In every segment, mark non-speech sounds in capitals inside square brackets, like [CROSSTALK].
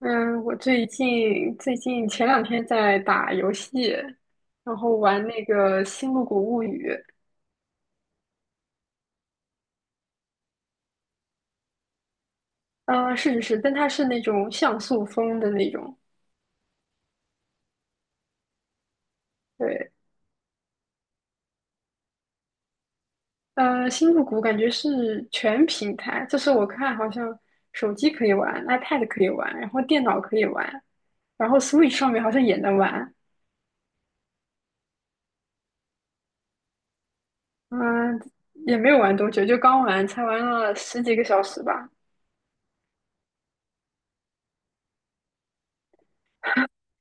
嗯，我最近前两天在打游戏，然后玩那个《星露谷物语》。是但它是那种像素风的那种。对，星露谷》感觉是全平台，就是我看好像手机可以玩，iPad 可以玩，然后电脑可以玩，然后 Switch 上面好像也能玩。嗯，也没有玩多久，就刚玩，才玩了十几个小时吧。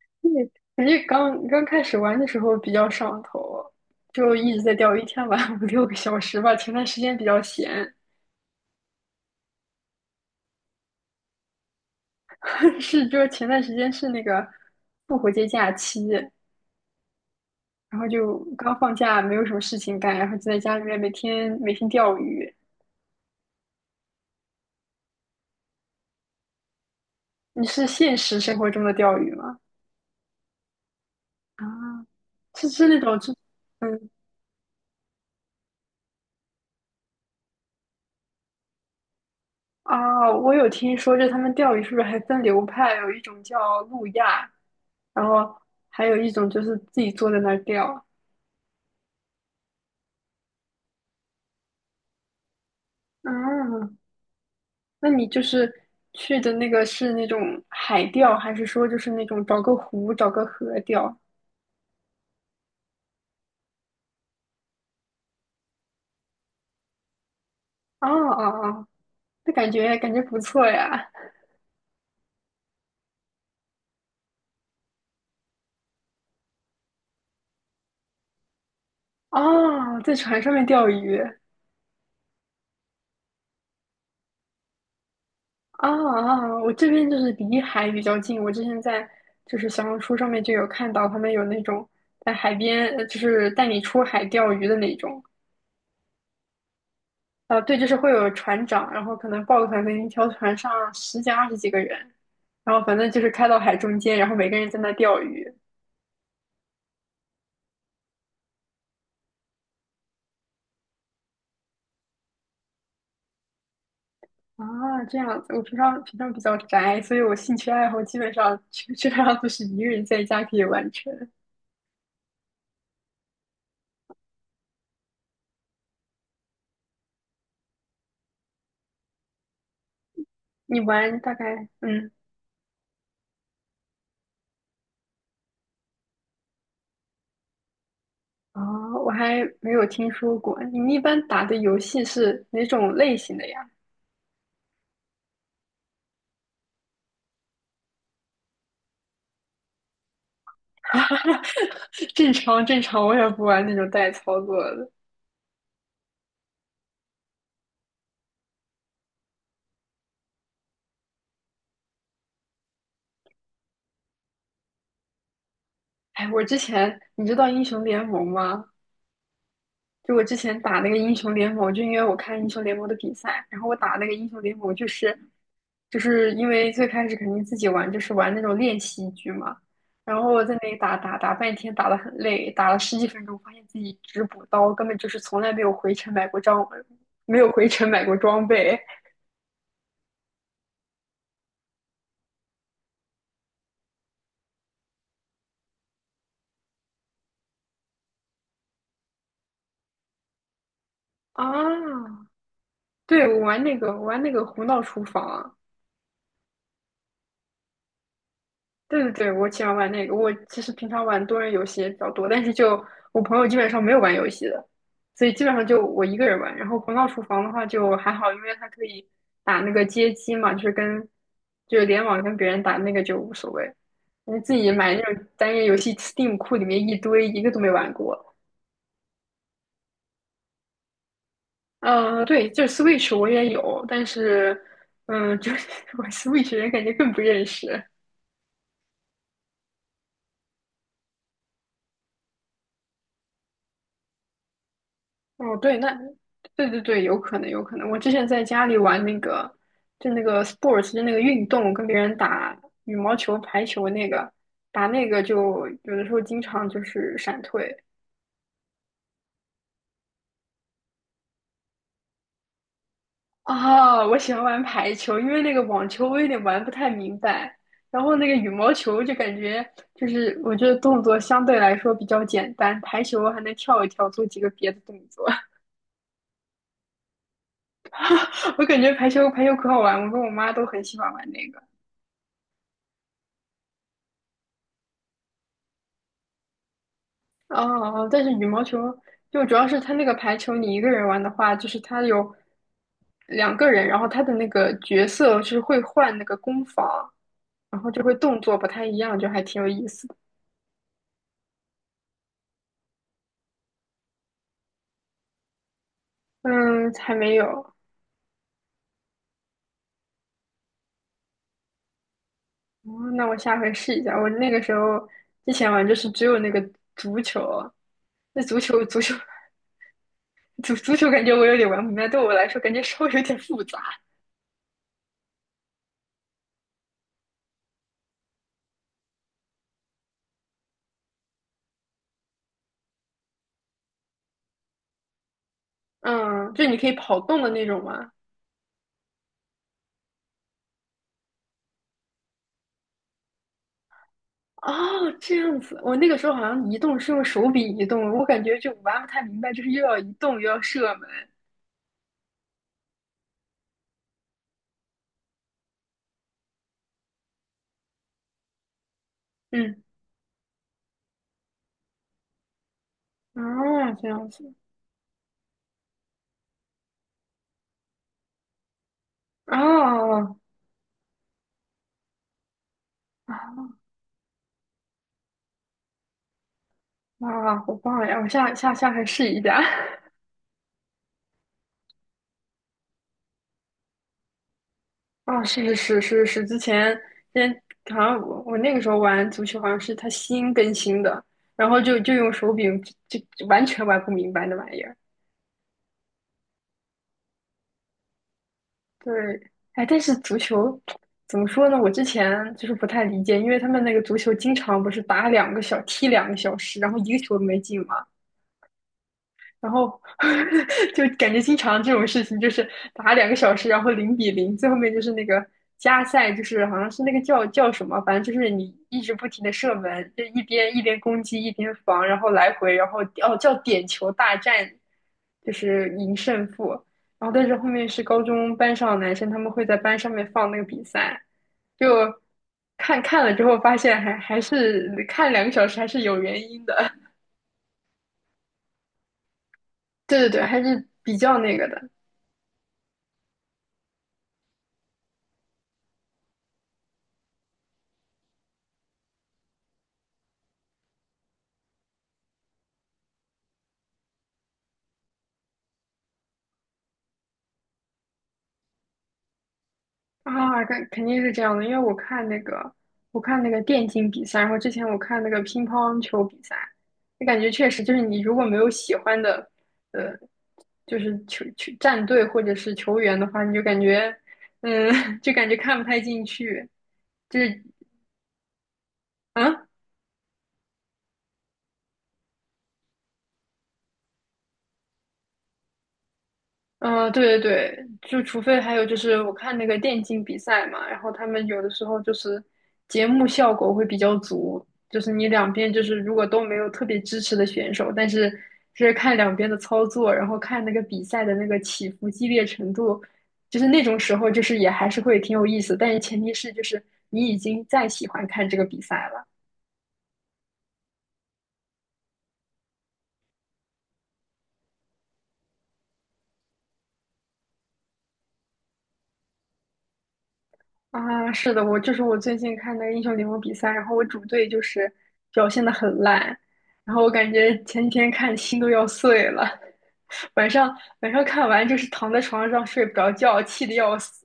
[LAUGHS] 对，感觉刚刚开始玩的时候比较上头，就一直在钓，鱼，一天玩五 [LAUGHS] 六个小时吧。前段时间比较闲，[LAUGHS] 是就是前段时间是那个复活节假期，然后就刚放假，没有什么事情干，然后就在家里面每天每天钓鱼。你是现实生活中的钓鱼吗？啊，是是那种就嗯啊，我有听说，就他们钓鱼是不是还分流派？有一种叫路亚，然后还有一种就是自己坐在那儿钓。啊，那你就是去的那个是那种海钓，还是说就是那种找个湖、找个河钓？啊啊，哦，那感觉不错呀。啊，在船上面钓鱼。啊啊，我这边就是离海比较近，我之前在就是小红书上面就有看到他们有那种在海边，就是带你出海钓鱼的那种。啊，对，就是会有船长，然后可能报个团，可能一条船上十几、二十几个人，然后反正就是开到海中间，然后每个人在那钓鱼。啊，这样子。我平常比较宅，所以我兴趣爱好基本上都是一个人在家可以完成。你玩大概啊，哦我还没有听说过。你们一般打的游戏是哪种类型的呀？[LAUGHS] 正常，我也不玩那种带操作的。哎，我之前你知道英雄联盟吗？就我之前打那个英雄联盟，就因为我看英雄联盟的比赛，然后我打那个英雄联盟，就是因为最开始肯定自己玩，就是玩那种练习局嘛，然后我在那里打半天，打得很累，打了十几分钟，发现自己只补刀，根本就是从来没有回城买过装，没有回城买过装备。啊！对，我玩那个胡闹厨房，对，我喜欢玩那个。我其实平常玩多人游戏也比较多，但是就我朋友基本上没有玩游戏的，所以基本上就我一个人玩。然后《头脑厨房》的话就还好，因为它可以打那个街机嘛，就是跟就是联网跟别人打那个就无所谓。你自己买那种单人游戏，Steam 库里面一堆，一个都没玩过。嗯，对，就是 Switch 我也有，但是嗯，就是 [LAUGHS] 我 Switch 人感觉更不认识。哦，对，那对，有可能，有可能。我之前在家里玩那个，就那个 sports,就那个运动，跟别人打羽毛球、排球那个，打那个就有的时候经常就是闪退。啊。我喜欢玩排球，因为那个网球我有点玩不太明白，然后那个羽毛球就感觉就是我觉得动作相对来说比较简单，排球还能跳一跳，做几个别的动作。[LAUGHS] 我感觉排球可好玩，我跟我妈都很喜欢玩那个。哦哦，但是羽毛球就主要是它那个排球，你一个人玩的话，就是它有两个人，然后它的那个角色是会换那个攻防，然后就会动作不太一样，就还挺有意思的。嗯，还没有。哦，那我下回试一下。我那个时候之前玩就是只有那个足球，那足球 [LAUGHS] 足球感觉我有点玩不明白，对我来说感觉稍微有点复杂。嗯，就你可以跑动的那种吗？哦，这样子，我那个时候好像移动是用手柄移动，我感觉就玩不太明白，就是又要移动又要射门。嗯，哦，这样子，哦，啊，哇，好棒呀！我下回试一下。[LAUGHS] 哦，是，之前好像我那个时候玩足球，好像是它新更新的，然后就用手柄就完全玩不明白那玩意儿。对，哎，但是足球怎么说呢？我之前就是不太理解，因为他们那个足球经常不是打两个小，踢两个小时，然后一个球都没进嘛。然后 [LAUGHS] 就感觉经常这种事情，就是打两个小时，然后零比零，最后面就是那个加赛，就是好像是那个叫什么，反正就是你一直不停的射门，就一边攻击一边防，然后来回，然后哦叫点球大战，就是赢胜负。然后但是后面是高中班上的男生，他们会在班上面放那个比赛，就看，看了之后发现还是看两个小时还是有原因的，[LAUGHS] 对，还是比较那个的。啊，肯定是这样的，因为我看那个，我看那个电竞比赛，然后之前我看那个乒乓球比赛，就感觉确实就是你如果没有喜欢的，呃，就是球战队或者是球员的话，你就感觉，嗯，[LAUGHS] 就感觉看不太进去，就是，啊。嗯，对，就除非还有就是我看那个电竞比赛嘛，然后他们有的时候就是节目效果会比较足，就是你两边就是如果都没有特别支持的选手，但是就是看两边的操作，然后看那个比赛的那个起伏激烈程度，就是那种时候就是也还是会挺有意思，但是前提是就是你已经在喜欢看这个比赛了。啊，是的，我就是我最近看那个英雄联盟比赛，然后我主队就是表现的很烂，然后我感觉前几天看心都要碎了，[LAUGHS] 晚上晚上看完就是躺在床上睡不着觉，气得要死。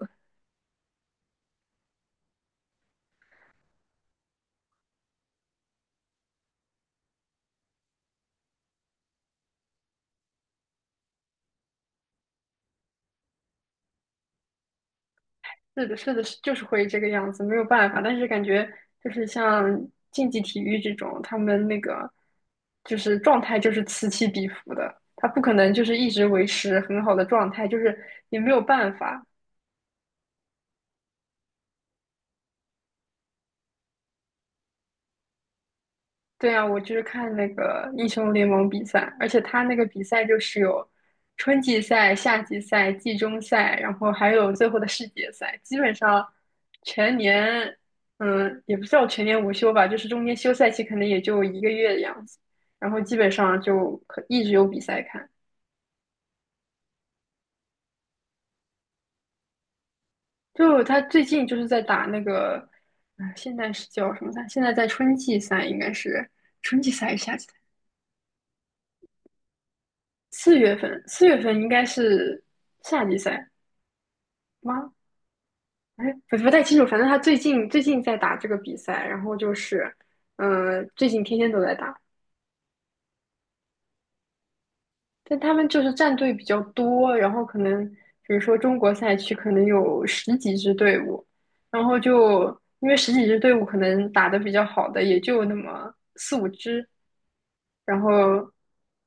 是的，是的，是就是会这个样子，没有办法。但是感觉就是像竞技体育这种，他们那个就是状态就是此起彼伏的，他不可能就是一直维持很好的状态，就是也没有办法。对啊，我就是看那个英雄联盟比赛，而且他那个比赛就是有春季赛、夏季赛、季中赛，然后还有最后的世界赛，基本上全年，嗯，也不叫全年无休吧，就是中间休赛期可能也就一个月的样子，然后基本上就可一直有比赛看。就他最近就是在打那个，嗯，现在是叫什么赛？现在在春季赛，应该是春季赛还是夏季赛？四月份，四月份应该是夏季赛，吗？哎，我不太清楚，反正他最近在打这个比赛，然后就是，嗯、最近天天都在打，但他们就是战队比较多，然后可能比如说中国赛区可能有十几支队伍，然后就因为十几支队伍可能打得比较好的也就那么四五支，然后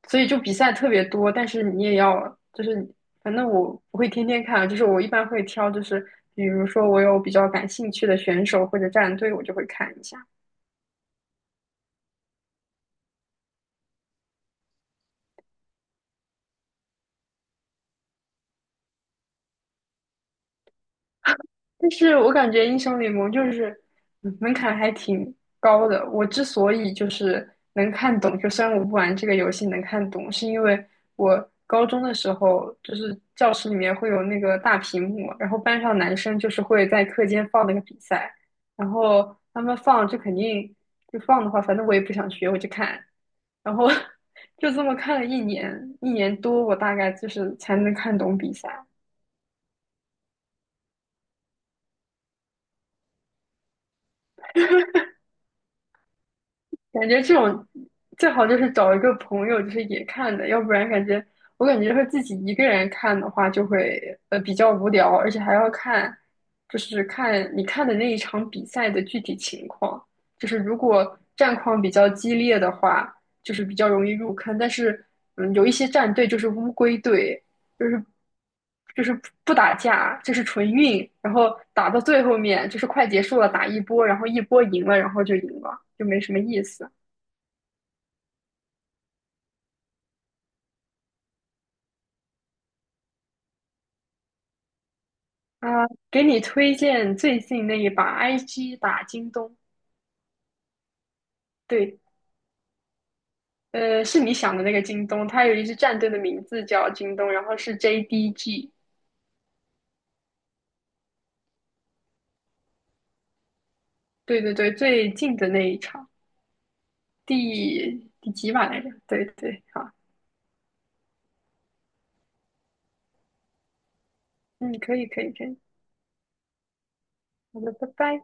所以就比赛特别多，但是你也要就是反正我不会天天看，就是我一般会挑，就是比如说我有比较感兴趣的选手或者战队，我就会看一下。但是我感觉英雄联盟就是嗯门槛还挺高的。我之所以就是能看懂，就虽然我不玩这个游戏能看懂，是因为我高中的时候就是教室里面会有那个大屏幕，然后班上男生就是会在课间放那个比赛，然后他们放就肯定的话，反正我也不想学，我就看，然后 [LAUGHS] 就这么看了一年多，我大概就是才能看懂比赛。感觉这种最好就是找一个朋友，就是也看的，要不然感觉我感觉和自己一个人看的话，就会比较无聊，而且还要看，就是看你看的那一场比赛的具体情况。就是如果战况比较激烈的话，就是比较容易入坑。但是嗯，有一些战队就是乌龟队，就是就是不打架，就是纯运，然后打到最后面就是快结束了，打一波，然后一波赢了，然后就赢了，就没什么意思。啊，给你推荐最近那一把 IG 打京东，对，呃，是你想的那个京东，它有一支战队的名字叫京东，然后是 JDG,对，最近的那一场，第几把来着？对对，好，嗯，可以，好的，拜拜。